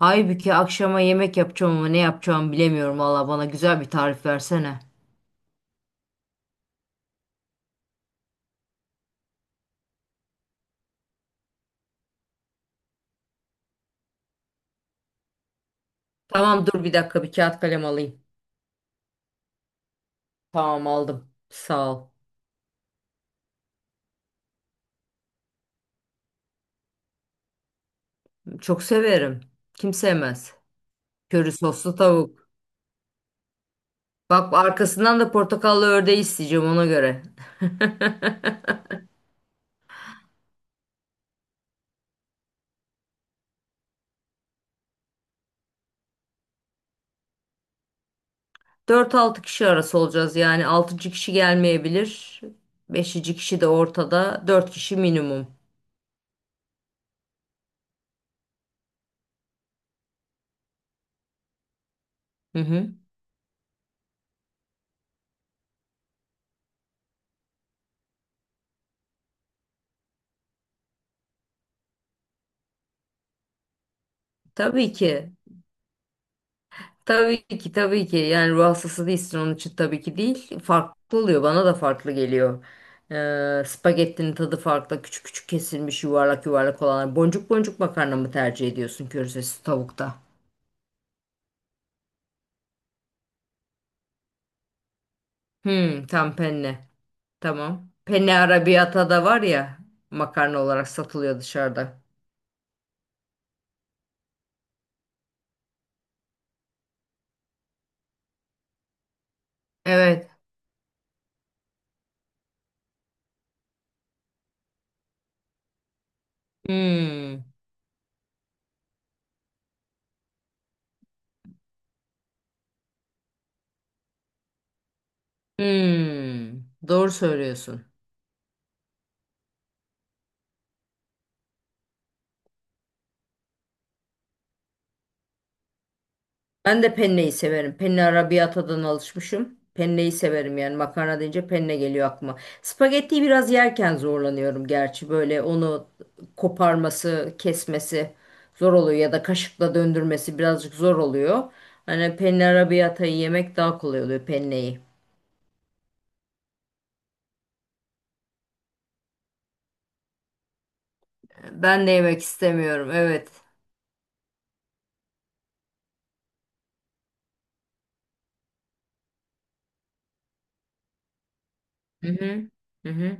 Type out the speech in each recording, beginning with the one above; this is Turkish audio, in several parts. Aybüke, akşama yemek yapacağım ama ne yapacağımı bilemiyorum valla, bana güzel bir tarif versene. Tamam, dur bir dakika, bir kağıt kalem alayım. Tamam, aldım. Sağ ol. Çok severim. Kim sevmez. Köri soslu tavuk. Bak, arkasından da portakallı ördeği isteyeceğim, ona göre. Dört altı kişi arası olacağız, yani 6. kişi gelmeyebilir. 5. kişi de ortada. Dört kişi minimum. Hı hı. Tabii ki. Tabii ki tabii ki, yani ruh hastası değilsin, onun için tabii ki değil. Farklı oluyor, bana da farklı geliyor. Spagettinin tadı farklı, küçük küçük kesilmiş yuvarlak yuvarlak olanlar. Boncuk boncuk makarna mı tercih ediyorsun körzesi tavukta? Hmm, tam penne tamam. Penne arrabbiata da var ya, makarna olarak satılıyor dışarıda. Evet. Hmm. Hmm. Doğru söylüyorsun. Ben de penneyi severim. Penne arabiyatadan alışmışım. Penneyi severim, yani makarna deyince penne geliyor aklıma. Spagettiyi biraz yerken zorlanıyorum gerçi, böyle onu koparması, kesmesi zor oluyor ya da kaşıkla döndürmesi birazcık zor oluyor. Hani penne arabiyatayı yemek daha kolay oluyor, penneyi. Ben de yemek istemiyorum, evet. Hı hı. Hı hı.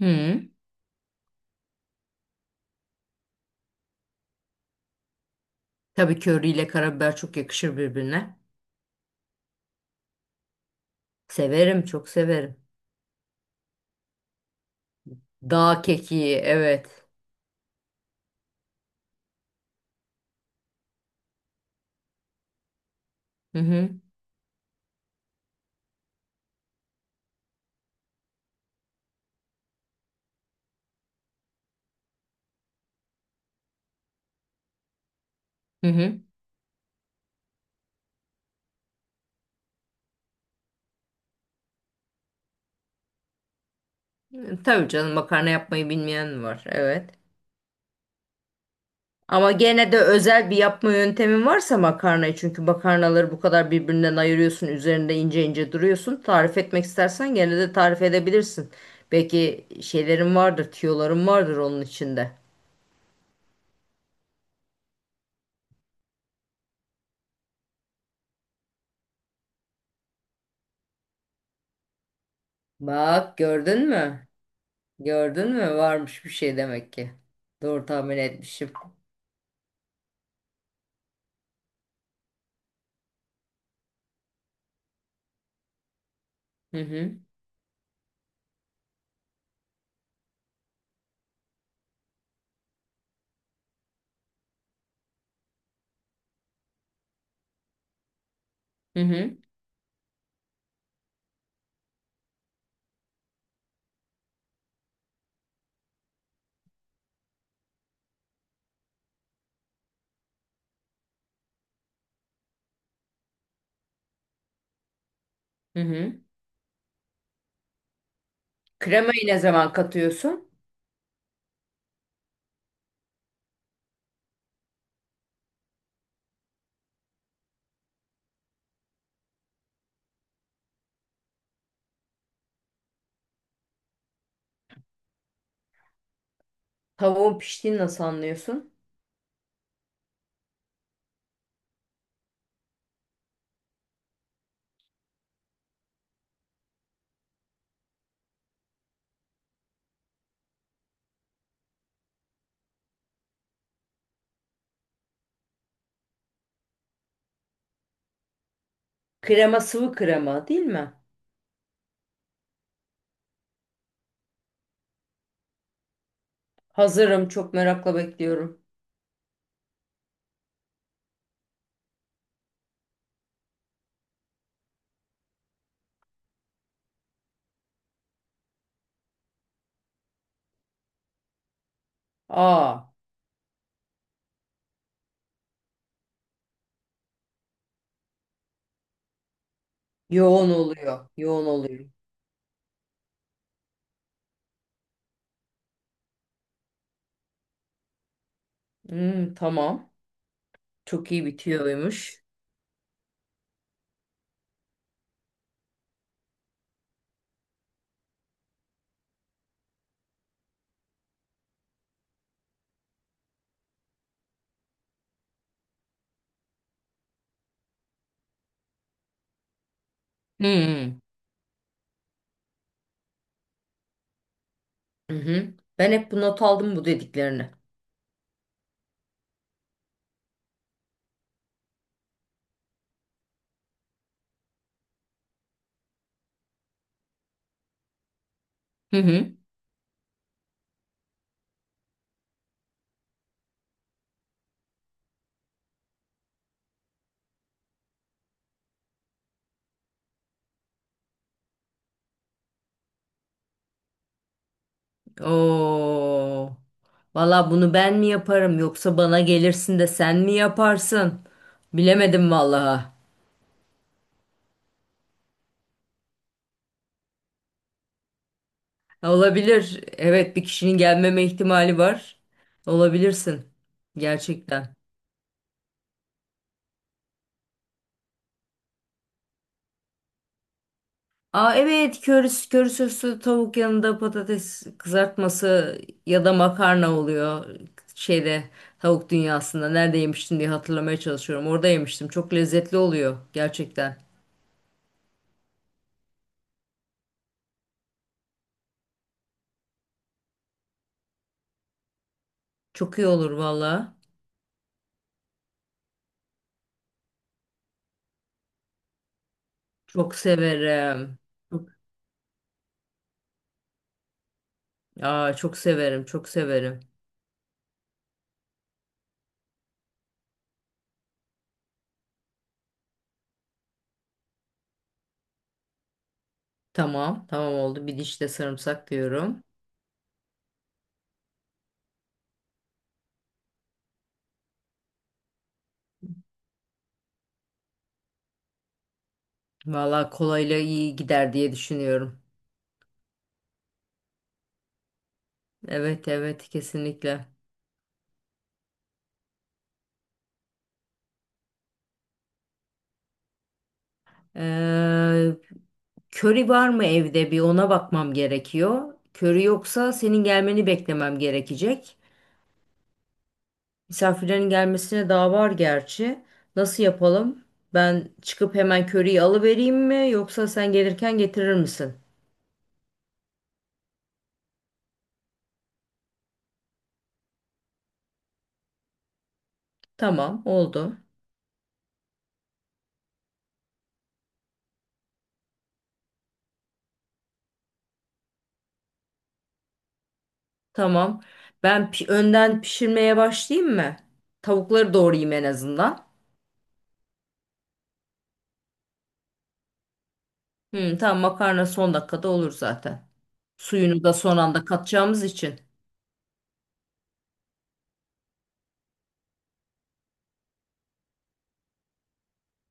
Hı. Tabii, köri ile karabiber çok yakışır birbirine. Severim, çok severim. Dağ kekiği, evet. Hı hı. Hı hı. Tabii canım, makarna yapmayı bilmeyen mi var? Evet. Ama gene de özel bir yapma yöntemin varsa makarnayı, çünkü makarnaları bu kadar birbirinden ayırıyorsun, üzerinde ince ince duruyorsun. Tarif etmek istersen gene de tarif edebilirsin. Belki şeylerin vardır, tüyoların vardır onun içinde. Bak, gördün mü? Gördün mü? Varmış bir şey demek ki. Doğru tahmin etmişim. Hı hı. Hı hı. Hı hı. Kremayı ne zaman katıyorsun? Tavuğun piştiğini nasıl anlıyorsun? Krema sıvı krema değil mi? Hazırım. Çok merakla bekliyorum. Aa, yoğun oluyor. Yoğun oluyor. Hmm, tamam. Çok iyi bitiyormuş. Hmm. Hı hı. Ben hep bu not aldım, bu dediklerini. Hı hı. Oo. Valla bunu ben mi yaparım yoksa bana gelirsin de sen mi yaparsın? Bilemedim vallahi. Olabilir. Evet, bir kişinin gelmeme ihtimali var. Olabilirsin. Gerçekten. Aa, evet, köri, köri soslu tavuk yanında patates kızartması ya da makarna oluyor şeyde, tavuk dünyasında. Nerede yemiştim diye hatırlamaya çalışıyorum, orada yemiştim, çok lezzetli oluyor gerçekten. Çok iyi olur valla. Çok severim, çok. Aa, çok severim, çok severim. Tamam tamam, oldu, bir diş de sarımsak diyorum. Valla kolayla iyi gider diye düşünüyorum. Evet evet, kesinlikle. Ee, Köri var mı evde, bir ona bakmam gerekiyor. Köri yoksa senin gelmeni beklemem gerekecek. Misafirlerin gelmesine daha var gerçi. Nasıl yapalım? Ben çıkıp hemen köriyi alıvereyim mi yoksa sen gelirken getirir misin? Tamam, oldu. Tamam. Önden pişirmeye başlayayım mı? Tavukları doğrayayım en azından. Hı, tamam, makarna son dakikada olur zaten. Suyunu da son anda katacağımız için.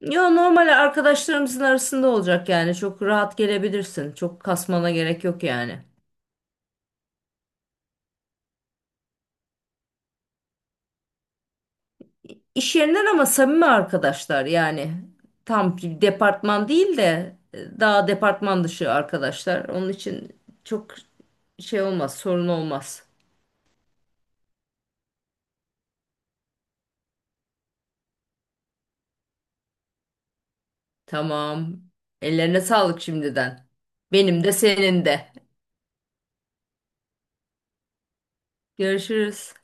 Ya, normal arkadaşlarımızın arasında olacak yani. Çok rahat gelebilirsin. Çok kasmana gerek yok yani. İş yerinden ama samimi arkadaşlar yani. Tam bir departman değil de daha departman dışı arkadaşlar. Onun için çok şey olmaz, sorun olmaz. Tamam. Ellerine sağlık şimdiden. Benim de senin de. Görüşürüz.